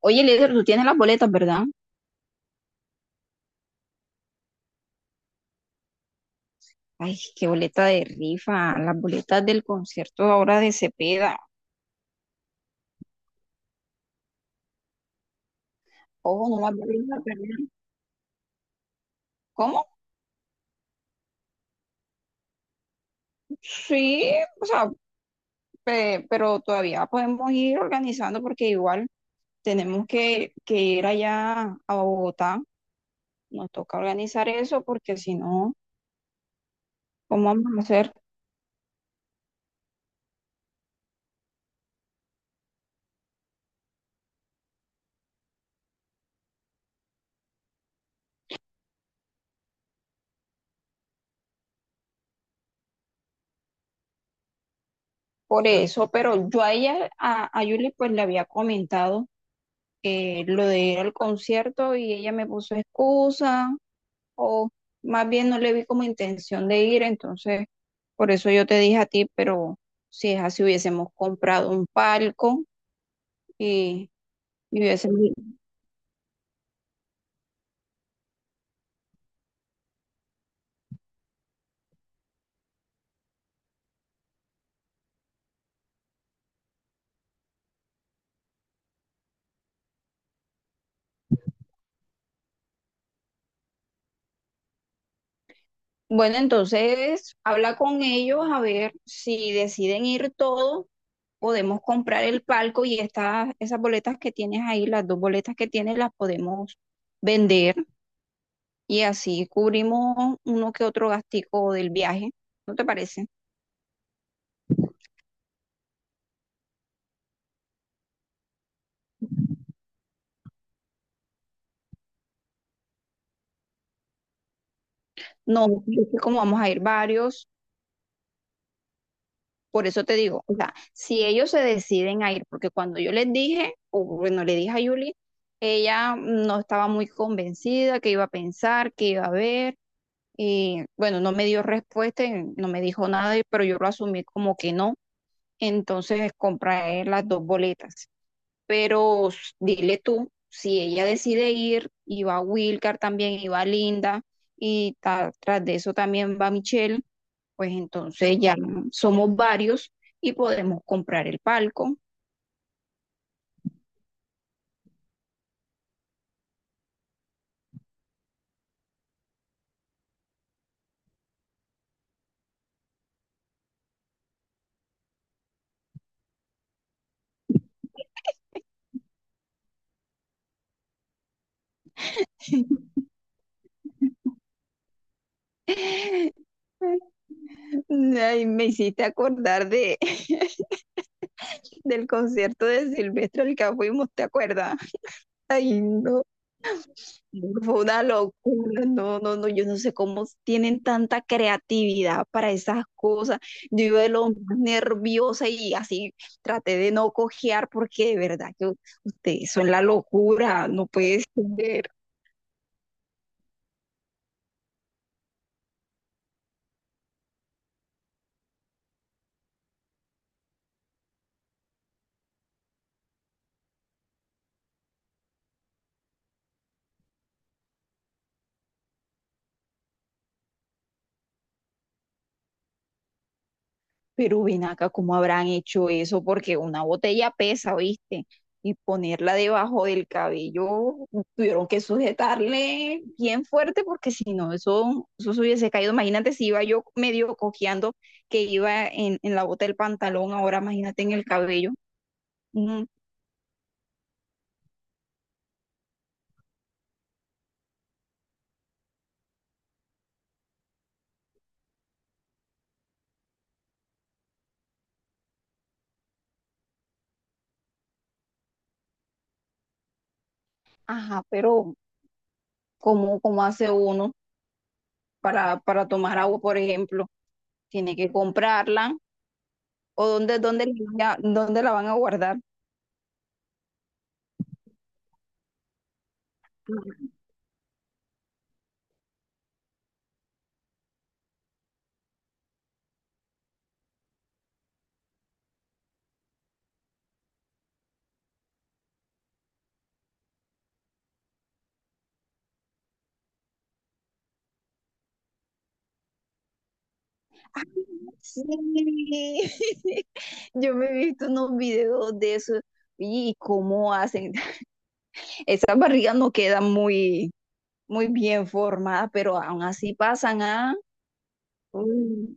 Oye, líder, tú tienes las boletas, ¿verdad? Ay, qué boleta de rifa, las boletas del concierto ahora de Cepeda. Ojo, no las voy a perder. ¿Cómo? Sí, o sea, pero todavía podemos ir organizando porque igual tenemos que ir allá a Bogotá. Nos toca organizar eso porque si no, ¿cómo vamos a hacer? Por eso, pero yo a ella, a Yuli, pues le había comentado lo de ir al concierto y ella me puso excusa o más bien no le vi como intención de ir, entonces por eso yo te dije a ti, pero si es así hubiésemos comprado un palco y, y hubiésemos ido. Bueno, entonces habla con ellos a ver si deciden ir todos, podemos comprar el palco y esas boletas que tienes ahí, las dos boletas que tienes, las podemos vender y así cubrimos uno que otro gastico del viaje. ¿No te parece? No, es que como vamos a ir varios. Por eso te digo, o sea, si ellos se deciden a ir, porque cuando yo les dije, o bueno, le dije a Yuli, ella no estaba muy convencida, que iba a pensar, que iba a ver, y bueno, no me dio respuesta, y no me dijo nada, pero yo lo asumí como que no. Entonces compré las dos boletas. Pero dile tú, si ella decide ir, y va Wilcar también, y va Linda, y tras de eso también va Michelle, pues entonces ya somos varios y podemos comprar el palco. Ay, me hiciste acordar de, del concierto de Silvestre al que fuimos, ¿te acuerdas? Ay, no, fue una locura, no, no, no, yo no sé cómo tienen tanta creatividad para esas cosas. Yo iba de lo más nerviosa y así traté de no cojear porque de verdad que ustedes son la locura, no puede ser. Pero ven acá, ¿cómo habrán hecho eso? Porque una botella pesa, ¿viste? Y ponerla debajo del cabello, tuvieron que sujetarle bien fuerte porque si no, eso se hubiese caído. Imagínate si iba yo medio cojeando que iba en la bota del pantalón, ahora imagínate en el cabello. Mm. Ajá, pero ¿cómo, cómo hace uno para tomar agua, por ejemplo? Tiene que comprarla o dónde, dónde la van a guardar. Ay, sí, yo me he visto unos videos de eso y cómo hacen. Esas barrigas no quedan muy, muy bien formadas, pero aún así pasan a... Uy.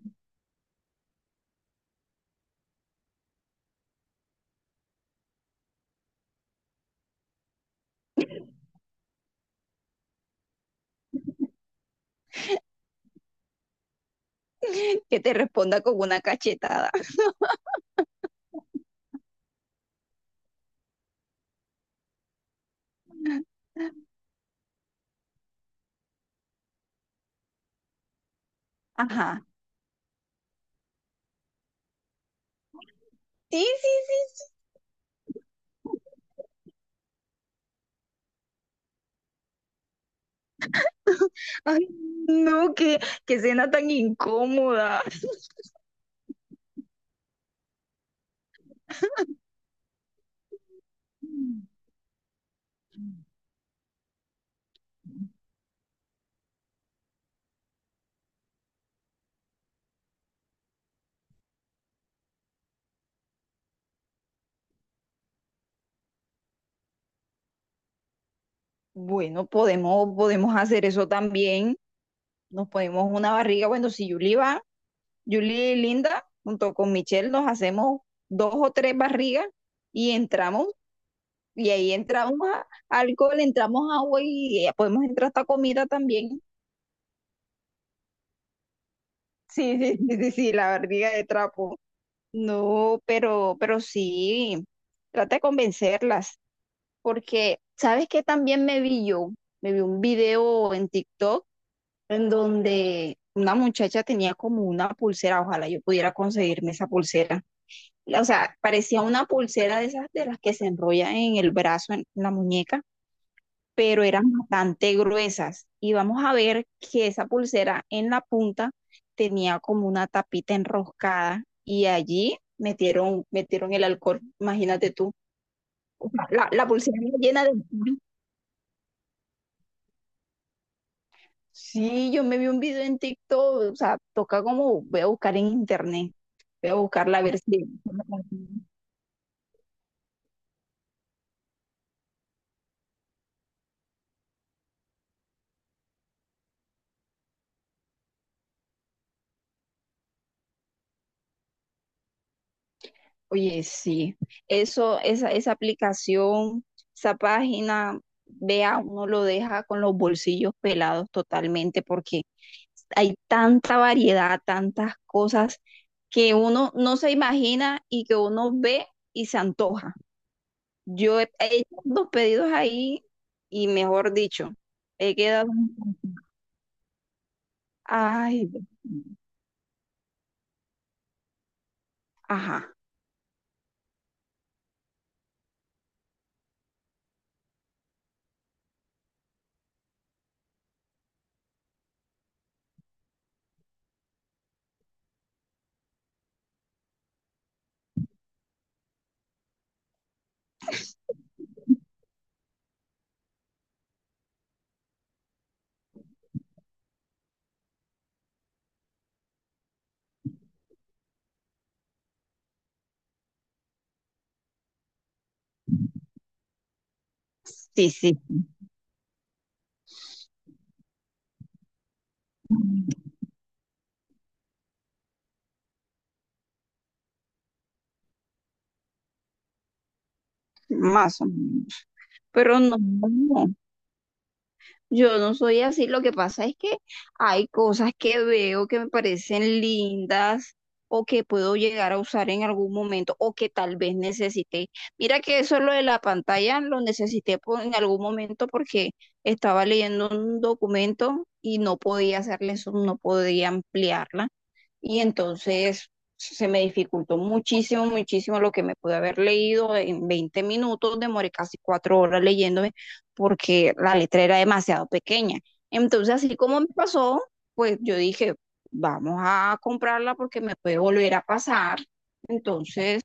Que te responda con una cachetada. Ajá. Sí, sí, sí, sí. Ay, no, qué, qué cena tan incómoda. Bueno, podemos, podemos hacer eso también. Nos ponemos una barriga. Bueno, si Yuli va. Julie y Linda, junto con Michelle, nos hacemos dos o tres barrigas y entramos, y ahí entramos a alcohol, entramos agua y podemos entrar hasta comida también. Sí, sí, sí, sí, sí, la barriga de trapo. No, pero sí, trata de convencerlas, porque ¿sabes qué también me vi yo? Me vi un video en TikTok en donde una muchacha tenía como una pulsera, ojalá yo pudiera conseguirme esa pulsera, o sea, parecía una pulsera de esas de las que se enrolla en el brazo, en la muñeca, pero eran bastante gruesas. Y vamos a ver que esa pulsera en la punta tenía como una tapita enroscada y allí metieron el alcohol, imagínate tú. O sea, la pulsera llena de... Sí, yo me vi un video en TikTok, o sea, toca como, voy a buscar en internet, voy a buscarla a ver si... Oye, sí, eso, esa aplicación, esa página, vea, uno lo deja con los bolsillos pelados totalmente porque hay tanta variedad, tantas cosas que uno no se imagina y que uno ve y se antoja. Yo he hecho dos pedidos ahí y mejor dicho, he quedado... Ay, Dios mío. Ajá, sí, sí, más o menos. Pero no, no, no. Yo no soy así, lo que pasa es que hay cosas que veo que me parecen lindas o que puedo llegar a usar en algún momento o que tal vez necesité. Mira que eso lo de la pantalla lo necesité en algún momento porque estaba leyendo un documento y no podía hacerle eso, no podía ampliarla y entonces se me dificultó muchísimo, muchísimo lo que me pude haber leído en 20 minutos, demoré casi 4 horas leyéndome porque la letra era demasiado pequeña. Entonces, así como me pasó, pues yo dije, vamos a comprarla porque me puede volver a pasar. Entonces,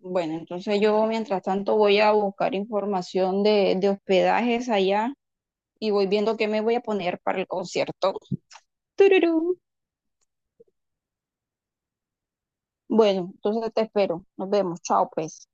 bueno, entonces yo mientras tanto voy a buscar información de hospedajes allá y voy viendo qué me voy a poner para el concierto. ¡Tururú! Bueno, entonces te espero. Nos vemos. Chao, pues.